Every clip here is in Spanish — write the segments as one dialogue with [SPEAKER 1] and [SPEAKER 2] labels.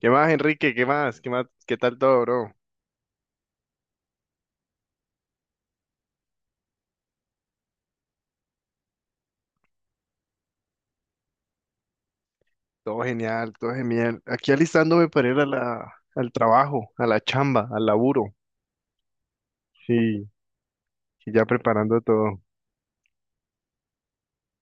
[SPEAKER 1] ¿Qué más, Enrique? ¿Qué más? ¿Qué más? ¿Qué tal todo, bro? Todo genial, todo genial. Aquí alistándome para ir a al trabajo, a la chamba, al laburo. Sí, y ya preparando todo.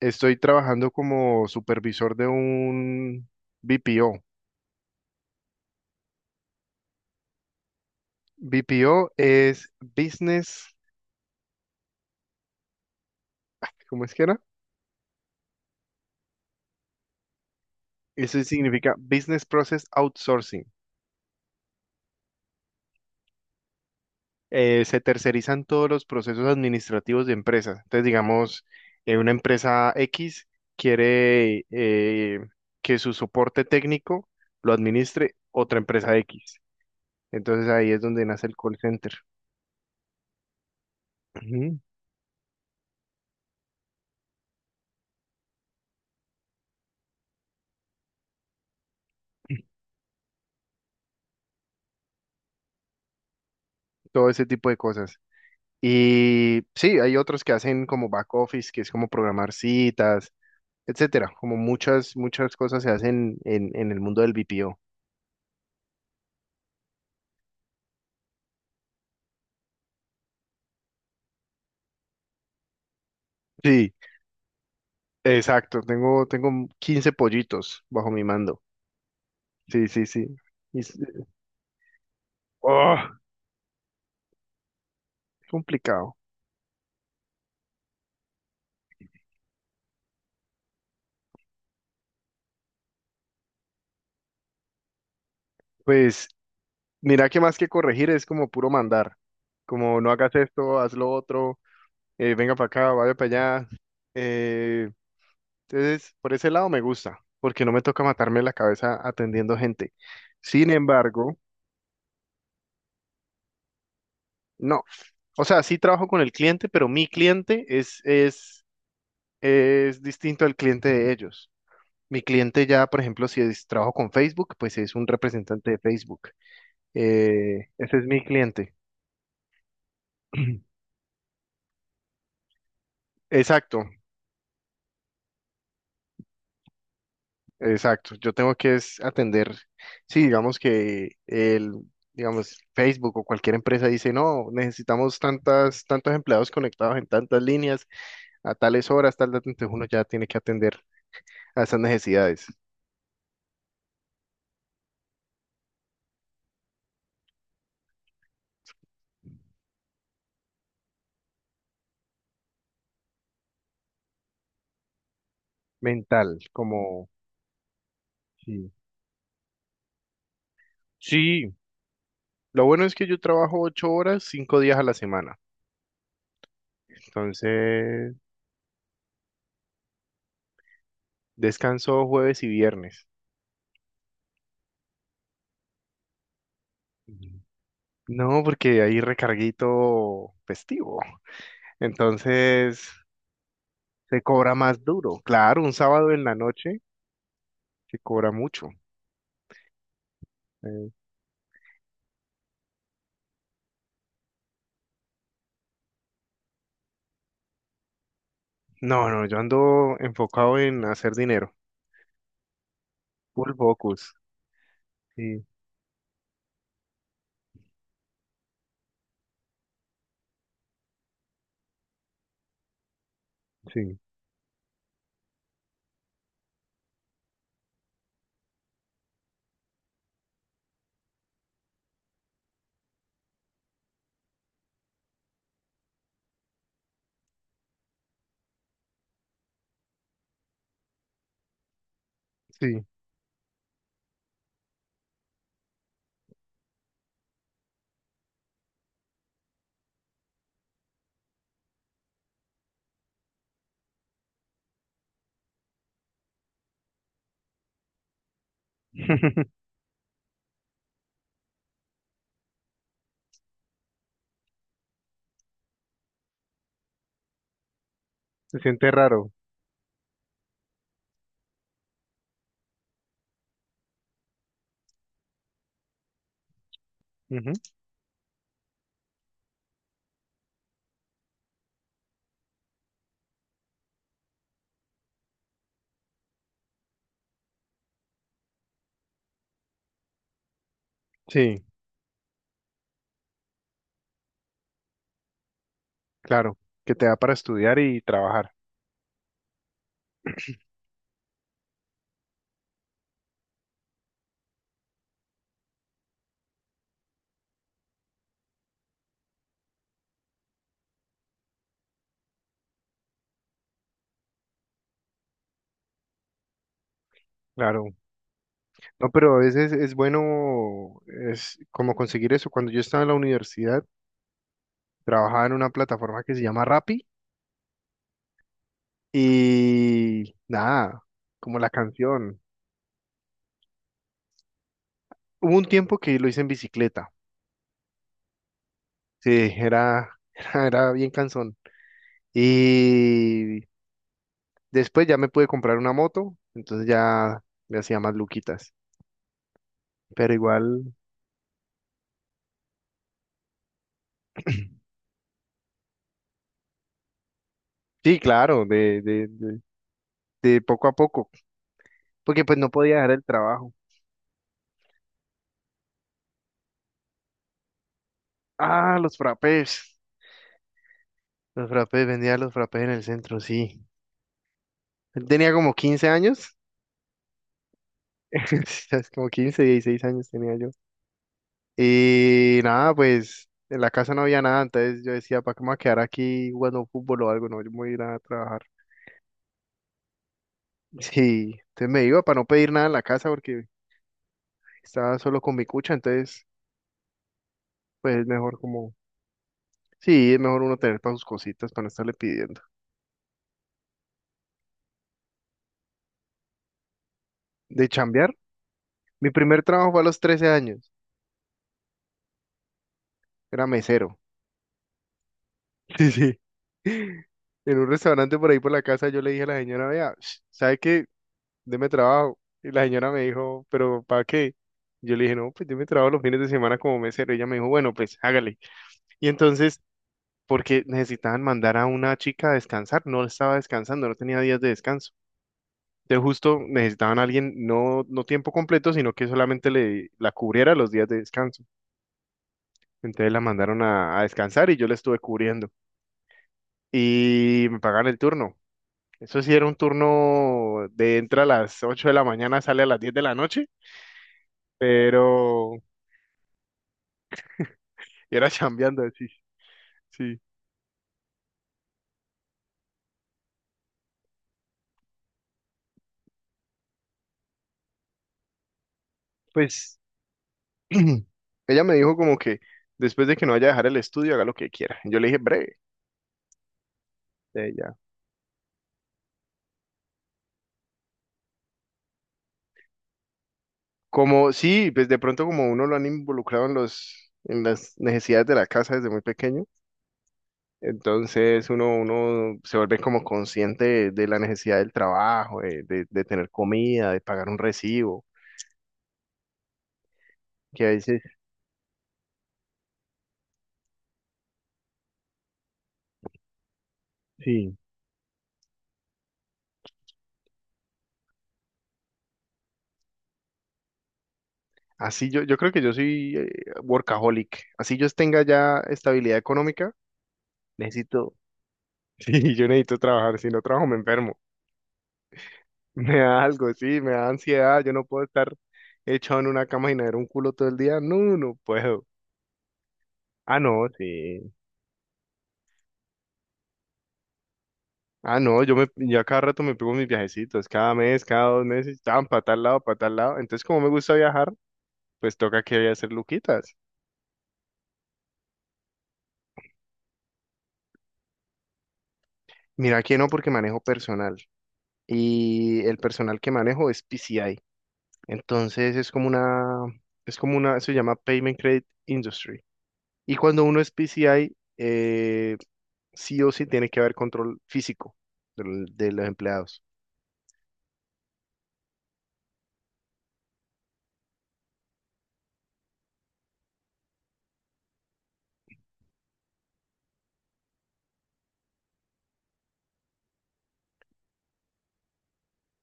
[SPEAKER 1] Estoy trabajando como supervisor de un BPO. BPO es Business, ¿cómo es que era? Eso significa Business Process Outsourcing. Se tercerizan todos los procesos administrativos de empresas. Entonces, digamos, una empresa X quiere que su soporte técnico lo administre otra empresa X. Entonces ahí es donde nace el call center. Ujú. Todo ese tipo de cosas. Y sí, hay otros que hacen como back office, que es como programar citas, etcétera. Como muchas, muchas cosas se hacen en el mundo del BPO. Sí, exacto. Tengo 15 pollitos bajo mi mando. Sí, sí, sí. Y s- oh, complicado. Pues mira que más que corregir es como puro mandar. Como no hagas esto, haz lo otro, venga para acá, vaya para allá. Eh, entonces, por ese lado me gusta, porque no me toca matarme la cabeza atendiendo gente. Sin embargo, no. O sea, sí trabajo con el cliente, pero mi cliente es distinto al cliente de ellos. Mi cliente ya, por ejemplo, si es, trabajo con Facebook, pues es un representante de Facebook. Ese es mi cliente. Exacto, exacto. Yo tengo que es atender. Sí, digamos que digamos, Facebook o cualquier empresa dice, no, necesitamos tantos empleados conectados en tantas líneas, a tales horas, tal, tal", entonces uno ya tiene que atender a esas necesidades mental, como sí. Sí, lo bueno es que yo trabajo 8 horas, 5 días a la semana. Entonces, descanso jueves y viernes. No, porque hay recarguito festivo. Entonces se cobra más duro. Claro, un sábado en la noche se cobra mucho. Eh, no, no, yo ando enfocado en hacer dinero. Full focus. Sí, sí, sí. Se siente raro. Ujú. Sí, claro, que te da para estudiar y trabajar. Claro. No, pero a veces es bueno, es como conseguir eso. Cuando yo estaba en la universidad, trabajaba en una plataforma que se llama Rappi. Y nada, como la canción. Hubo un tiempo que lo hice en bicicleta. Sí, era, era, era bien cansón. Y después ya me pude comprar una moto, entonces ya me hacía más luquitas. Pero igual, sí, claro, de poco a poco, porque pues no podía dejar el trabajo. Ah, los frappés. Los frappés, vendía los frappés en el centro, sí. Tenía como 15 años. Sí, como 15, 16 años tenía. Y nada, pues en la casa no había nada, entonces yo decía, ¿para qué me voy a quedar aquí jugando fútbol o algo? No, yo me voy a ir a trabajar. Sí, entonces me iba para no pedir nada en la casa porque estaba solo con mi cucha, entonces pues es mejor como, sí, es mejor uno tener para sus cositas, para no estarle pidiendo. De chambear, mi primer trabajo fue a los 13 años, era mesero. Sí, sí. En un restaurante por ahí por la casa yo le dije a la señora, vea, ¿sabe qué? Deme trabajo. Y la señora me dijo, ¿pero para qué? Yo le dije, no, pues deme trabajo los fines de semana como mesero. Y ella me dijo, bueno, pues hágale. Y entonces, porque necesitaban mandar a una chica a descansar, no estaba descansando, no tenía días de descanso. Entonces justo necesitaban a alguien, no, no tiempo completo, sino que solamente la cubriera los días de descanso. Entonces la mandaron a descansar y yo la estuve cubriendo. Y me pagaban el turno. Eso sí era un turno de entra a las 8 de la mañana, sale a las 10 de la noche, pero y era chambeando, sí, sí. Pues ella me dijo como que después de que no vaya a dejar el estudio, haga lo que quiera. Yo le dije, breve, de ella. Como, sí, pues de pronto como uno lo han involucrado en en las necesidades de la casa desde muy pequeño, entonces uno se vuelve como consciente de la necesidad del trabajo, de tener comida, de pagar un recibo, que a veces, sí. Así yo creo que yo soy workaholic. Así yo tenga ya estabilidad económica. Necesito Sí, yo necesito trabajar. Si no trabajo, me enfermo. Me da algo, sí, me da ansiedad. Yo no puedo estar echado en una cama y nadar un culo todo el día. No, no puedo. Ah, no, sí. Ah, no, yo a cada rato me pego mis viajecitos, cada mes, cada dos meses, tan para tal lado, para tal lado. Entonces, como me gusta viajar, pues toca que voy a hacer luquitas. Mira que no, porque manejo personal. Y el personal que manejo es PCI. Entonces es como una, se llama Payment Credit Industry. Y cuando uno es PCI, sí o sí tiene que haber control físico los empleados.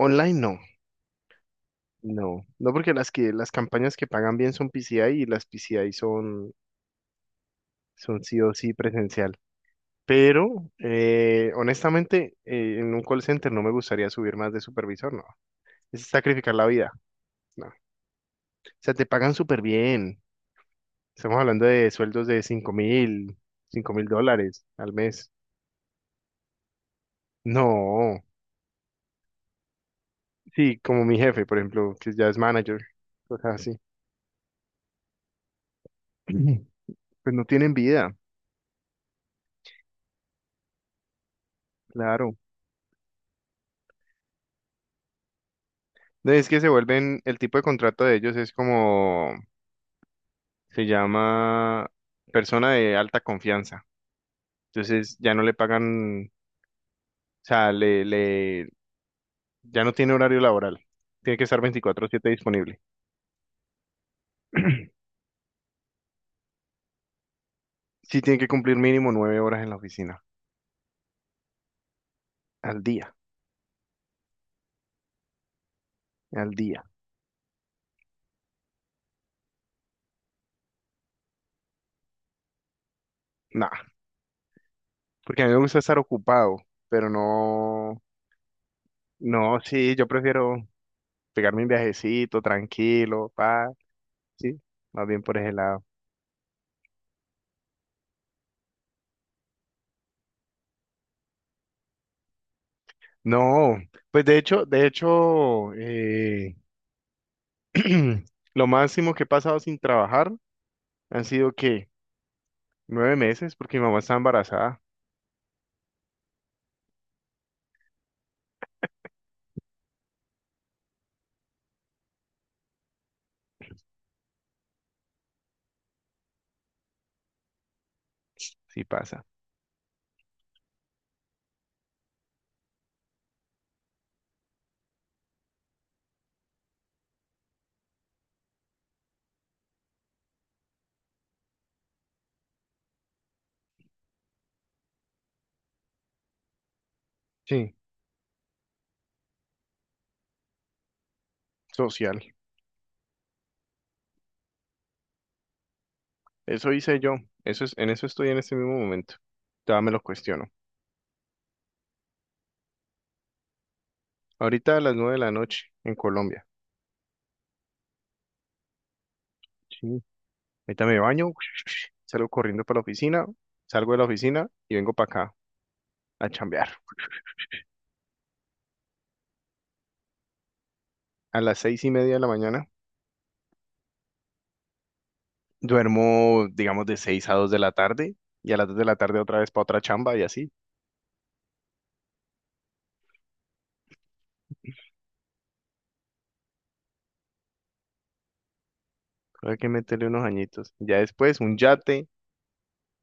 [SPEAKER 1] Online no, no, no porque las campañas que pagan bien son PCI y las PCI son sí o sí presencial. Pero honestamente, en un call center no me gustaría subir más de supervisor, no. Es sacrificar la vida, no. O sea, te pagan súper bien. Estamos hablando de sueldos de $5.000 al mes. No. Sí, como mi jefe, por ejemplo, que ya es manager, cosas así. Ujú. Pues no tienen vida, claro. No, es que se vuelven, el tipo de contrato de ellos es como, se llama persona de alta confianza. Entonces ya no le pagan, o sea, ya no tiene horario laboral. Tiene que estar 24/7 disponible. Sí tiene que cumplir mínimo 9 horas en la oficina, al día, al día. Nah, porque a mí me gusta estar ocupado, pero no, no, sí, yo prefiero, pegarme un viajecito tranquilo, pa, sí, más bien por ese lado. No, pues de hecho, lo máximo que he pasado sin trabajar han sido que 9 meses, porque mi mamá está embarazada, sí pasa. Sí, social. Eso hice yo. Eso es, en eso estoy en este mismo momento. Todavía me lo cuestiono. Ahorita a las 9 de la noche en Colombia. Sí. Ahorita me baño, salgo corriendo para la oficina, salgo de la oficina y vengo para acá a chambear. A las 6:30 de la mañana. Duermo, digamos, de 6 a 2 de la tarde y a las 2 de la tarde otra vez para otra chamba y así. Creo que hay que meterle unos añitos. Ya después, un yate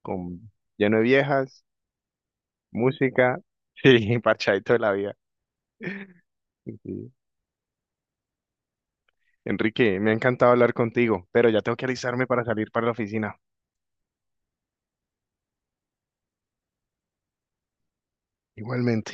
[SPEAKER 1] con lleno de viejas, música, sí, parchadito de la vida. Sí. Enrique, me ha encantado hablar contigo, pero ya tengo que alistarme para salir para la oficina. Igualmente.